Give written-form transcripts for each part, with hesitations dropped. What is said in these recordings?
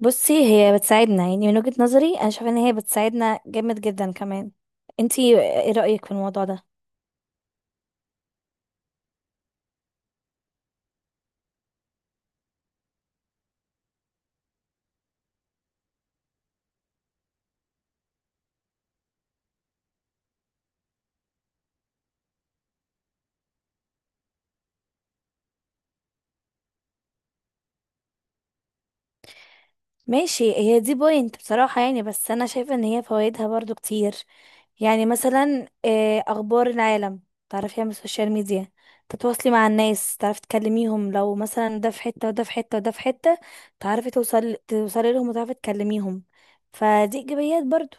بصي، هي بتساعدنا يعني من وجهة نظري. انا شايفه ان هي بتساعدنا جامد جدا كمان. انتي ايه رأيك في الموضوع ده؟ ماشي، هي دي بوينت بصراحة، بس انا شايفه ان هي فوائدها برضو كتير. يعني مثلا اخبار العالم تعرفيها من السوشيال ميديا، تتواصلي مع الناس، تعرفي تكلميهم. لو مثلا ده في حتة وده في حتة وده في حتة، تعرفي توصلي لهم وتعرفي تكلميهم. فدي ايجابيات برضو.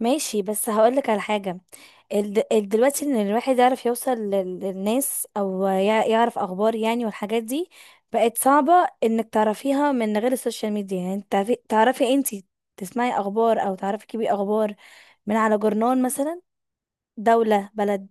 ماشي بس هقولك على حاجة. دلوقتي ان الواحد يعرف يوصل للناس او يعرف اخبار يعني والحاجات دي بقت صعبة. انك تعرفيها من غير السوشيال ميديا، يعني انت تعرفي انت تسمعي اخبار او تعرفي كيبي اخبار من على جورنال مثلا، دولة، بلد.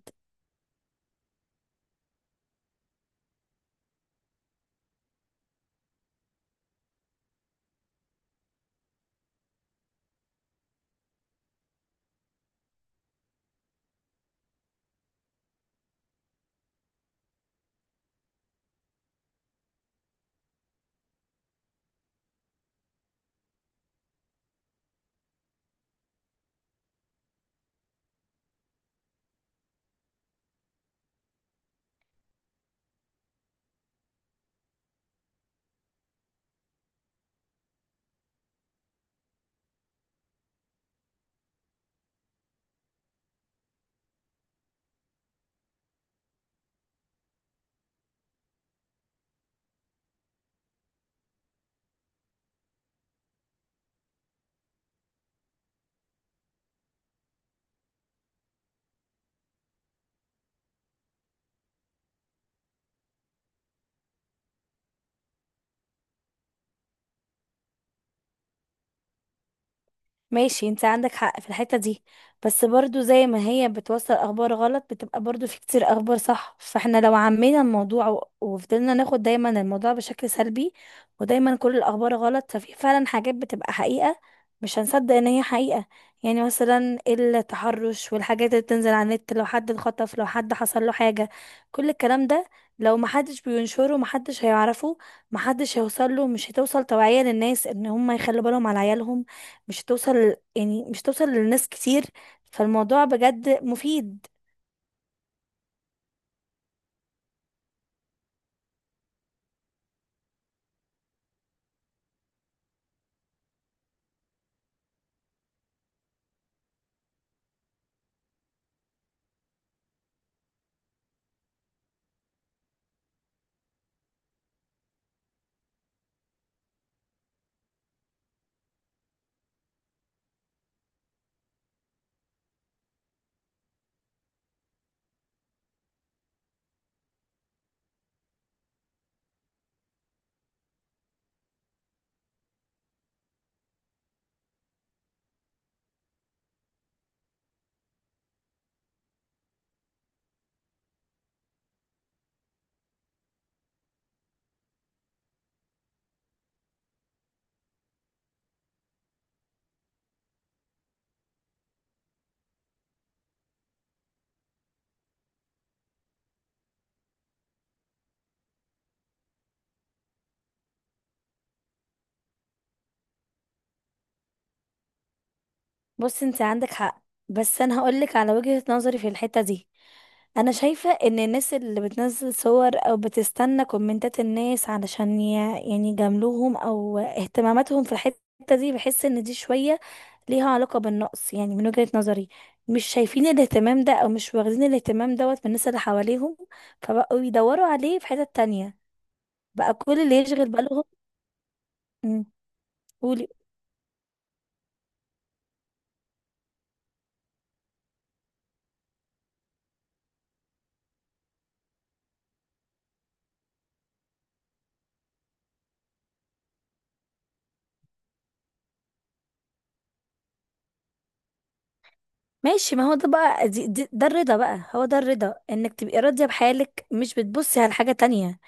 ماشي، انت عندك حق في الحتة دي. بس برضو زي ما هي بتوصل اخبار غلط بتبقى برضو في كتير اخبار صح. فاحنا لو عمينا الموضوع وفضلنا ناخد دايما الموضوع بشكل سلبي ودايما كل الاخبار غلط، ففي فعلا حاجات بتبقى حقيقة مش هنصدق ان هي حقيقة. يعني مثلا التحرش والحاجات اللي بتنزل على النت، لو حد اتخطف، لو حد حصل له حاجة، كل الكلام ده لو محدش بينشره محدش هيعرفه، محدش هيوصل له، مش هتوصل توعية للناس ان هم يخلوا بالهم على عيالهم، مش هتوصل يعني مش هتوصل لناس كتير. فالموضوع بجد مفيد. بص، انت عندك حق، بس انا هقولك على وجهة نظري في الحتة دي. انا شايفة ان الناس اللي بتنزل صور او بتستنى كومنتات الناس علشان يعني يجاملوهم او اهتماماتهم في الحتة دي، بحس ان دي شوية ليها علاقة بالنقص، يعني من وجهة نظري مش شايفين الاهتمام ده او مش واخدين الاهتمام دوت من الناس اللي حواليهم، فبقوا يدوروا عليه في حتة تانية، بقى كل اللي يشغل بالهم. قولي. ماشي، ما هو ده بقى، دي دي ده الرضا بقى، هو ده الرضا، انك تبقي راضية بحالك مش بتبصي على حاجة تانية.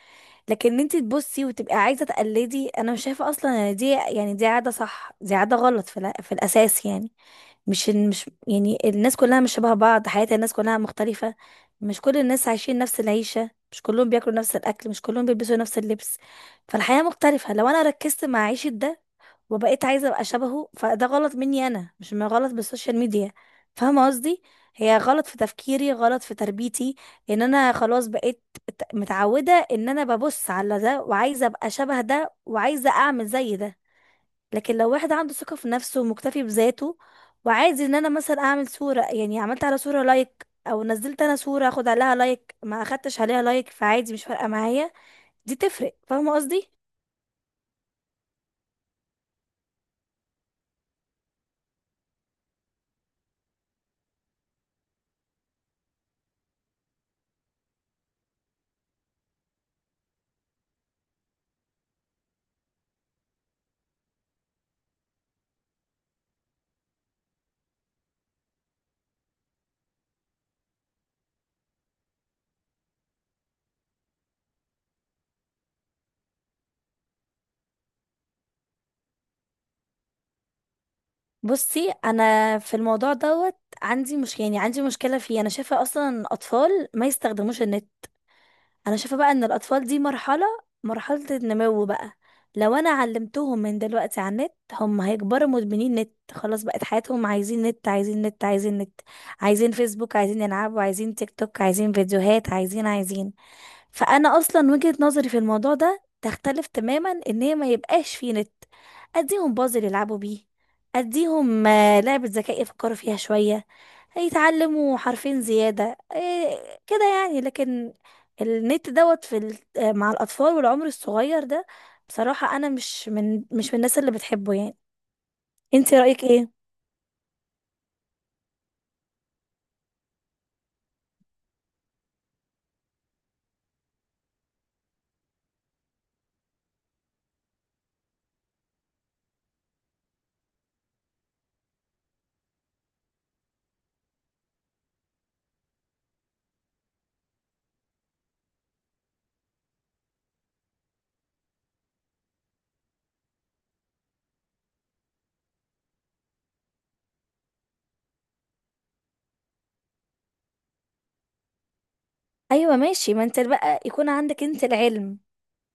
لكن انت تبصي وتبقي عايزة تقلدي، انا مش شايفة اصلا ان دي يعني دي عادة صح، دي عادة غلط في، في الاساس يعني. مش يعني الناس كلها مش شبه بعض، حياة الناس كلها مختلفة. مش كل الناس عايشين نفس العيشة، مش كلهم بياكلوا نفس الاكل، مش كلهم بيلبسوا نفس اللبس. فالحياة مختلفة. لو انا ركزت مع عيشة ده وبقيت عايزه ابقى شبهه، فده غلط مني انا، مش من غلط بالسوشيال ميديا. فاهمه قصدي؟ هي غلط في تفكيري، غلط في تربيتي ان انا خلاص بقيت متعوده ان انا ببص على ده وعايزه ابقى شبه ده وعايزه اعمل زي ده. لكن لو واحد عنده ثقه في نفسه ومكتفي بذاته وعايز ان انا مثلا اعمل صوره، يعني عملت على صوره لايك او نزلت انا صوره اخد عليها لايك، ما اخدتش عليها لايك، فعادي مش فارقه معايا. دي تفرق. فاهمه قصدي؟ بصي، انا في الموضوع دوت عندي مش يعني عندي مشكله فيه. انا شايفه اصلا ان الاطفال ما يستخدموش النت. انا شايفه بقى ان الاطفال دي مرحله، مرحله النمو بقى. لو انا علمتهم من دلوقتي على النت، هم هيكبروا مدمنين نت، خلاص بقت حياتهم عايزين نت عايزين نت عايزين نت، عايزين فيسبوك، عايزين يلعبوا، عايزين تيك توك، عايزين فيديوهات، عايزين. فانا اصلا وجهة نظري في الموضوع ده تختلف تماما، ان هي ما يبقاش في نت. اديهم بازل يلعبوا بيه، اديهم لعبة ذكاء يفكروا فيها شوية، هيتعلموا حرفين زيادة إيه كده يعني. لكن النت دوت في مع الاطفال والعمر الصغير ده، بصراحة انا مش من مش من الناس اللي بتحبه يعني. انت رأيك ايه؟ ايوه ماشي. ما انت بقى يكون عندك انت العلم،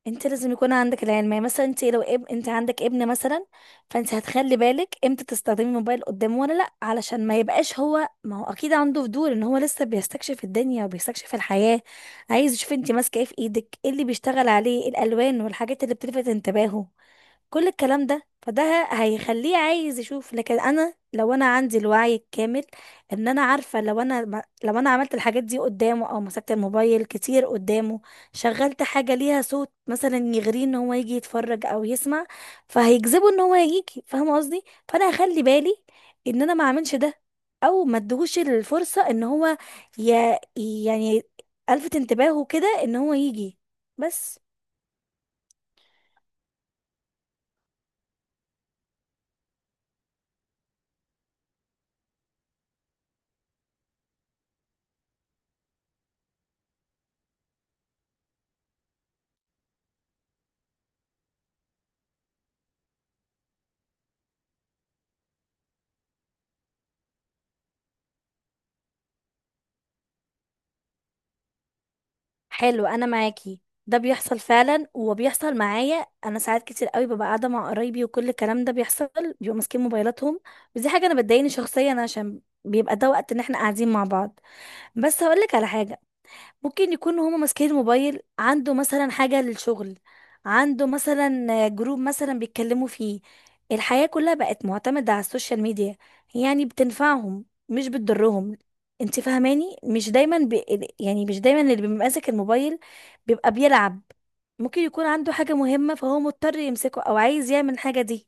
انت لازم يكون عندك العلم. يعني مثلا انت لو انت عندك ابن مثلا، فانت هتخلي بالك امتى تستخدمي الموبايل قدامه ولا لا، علشان ما يبقاش هو، ما هو اكيد عنده فضول ان هو لسه بيستكشف الدنيا وبيستكشف الحياة، عايز يشوف انت ماسكه ايه في ايدك، ايه اللي بيشتغل عليه، الالوان والحاجات اللي بتلفت انتباهه، كل الكلام ده. فده هيخليه عايز يشوف. لكن انا لو انا عندي الوعي الكامل ان انا عارفه لو انا لو انا عملت الحاجات دي قدامه او مسكت الموبايل كتير قدامه، شغلت حاجه ليها صوت مثلا يغريه ان هو يجي يتفرج او يسمع، فهيجذبه ان هو يجي. فاهمه قصدي؟ فانا هخلي بالي ان انا ما اعملش ده، او ما ادهوش الفرصه ان هو ي... يعني الفت انتباهه كده ان هو يجي بس. حلو، انا معاكي. ده بيحصل فعلا، وبيحصل معايا انا ساعات كتير قوي، ببقى قاعده مع قرايبي وكل الكلام ده بيحصل، بيبقوا ماسكين موبايلاتهم. ودي حاجه انا بتضايقني شخصيا، عشان بيبقى ده وقت ان احنا قاعدين مع بعض. بس هقولك على حاجه، ممكن يكونوا هما ماسكين الموبايل عنده مثلا حاجة للشغل، عنده مثلا جروب مثلا بيتكلموا فيه. الحياة كلها بقت معتمدة على السوشيال ميديا، يعني بتنفعهم مش بتضرهم. انت فاهماني؟ مش دايما يعني مش دايما اللي بيبقى ماسك الموبايل بيبقى بيلعب، ممكن يكون عنده حاجة مهمة فهو مضطر يمسكه او عايز يعمل حاجة دي.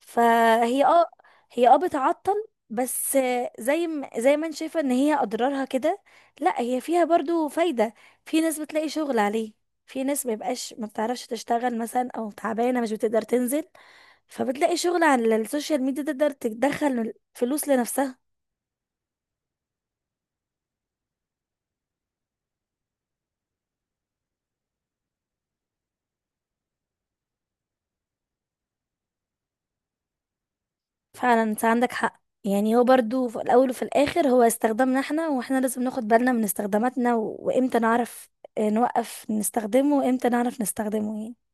فهي اه، هي اه بتعطل بس. زي ما انت شايفه ان هي اضرارها كده، لا هي فيها برضو فايده. في ناس بتلاقي شغل عليه، في ناس ما بيبقاش ما بتعرفش تشتغل مثلا او تعبانه مش بتقدر تنزل، فبتلاقي شغل على السوشيال ميديا تقدر تدخل فلوس لنفسها. فعلا انت عندك حق. يعني هو برضو في الاول وفي الاخر هو استخدامنا احنا، واحنا لازم ناخد بالنا من استخداماتنا وامتى نعرف نوقف نستخدمه وامتى نعرف نستخدمه يعني.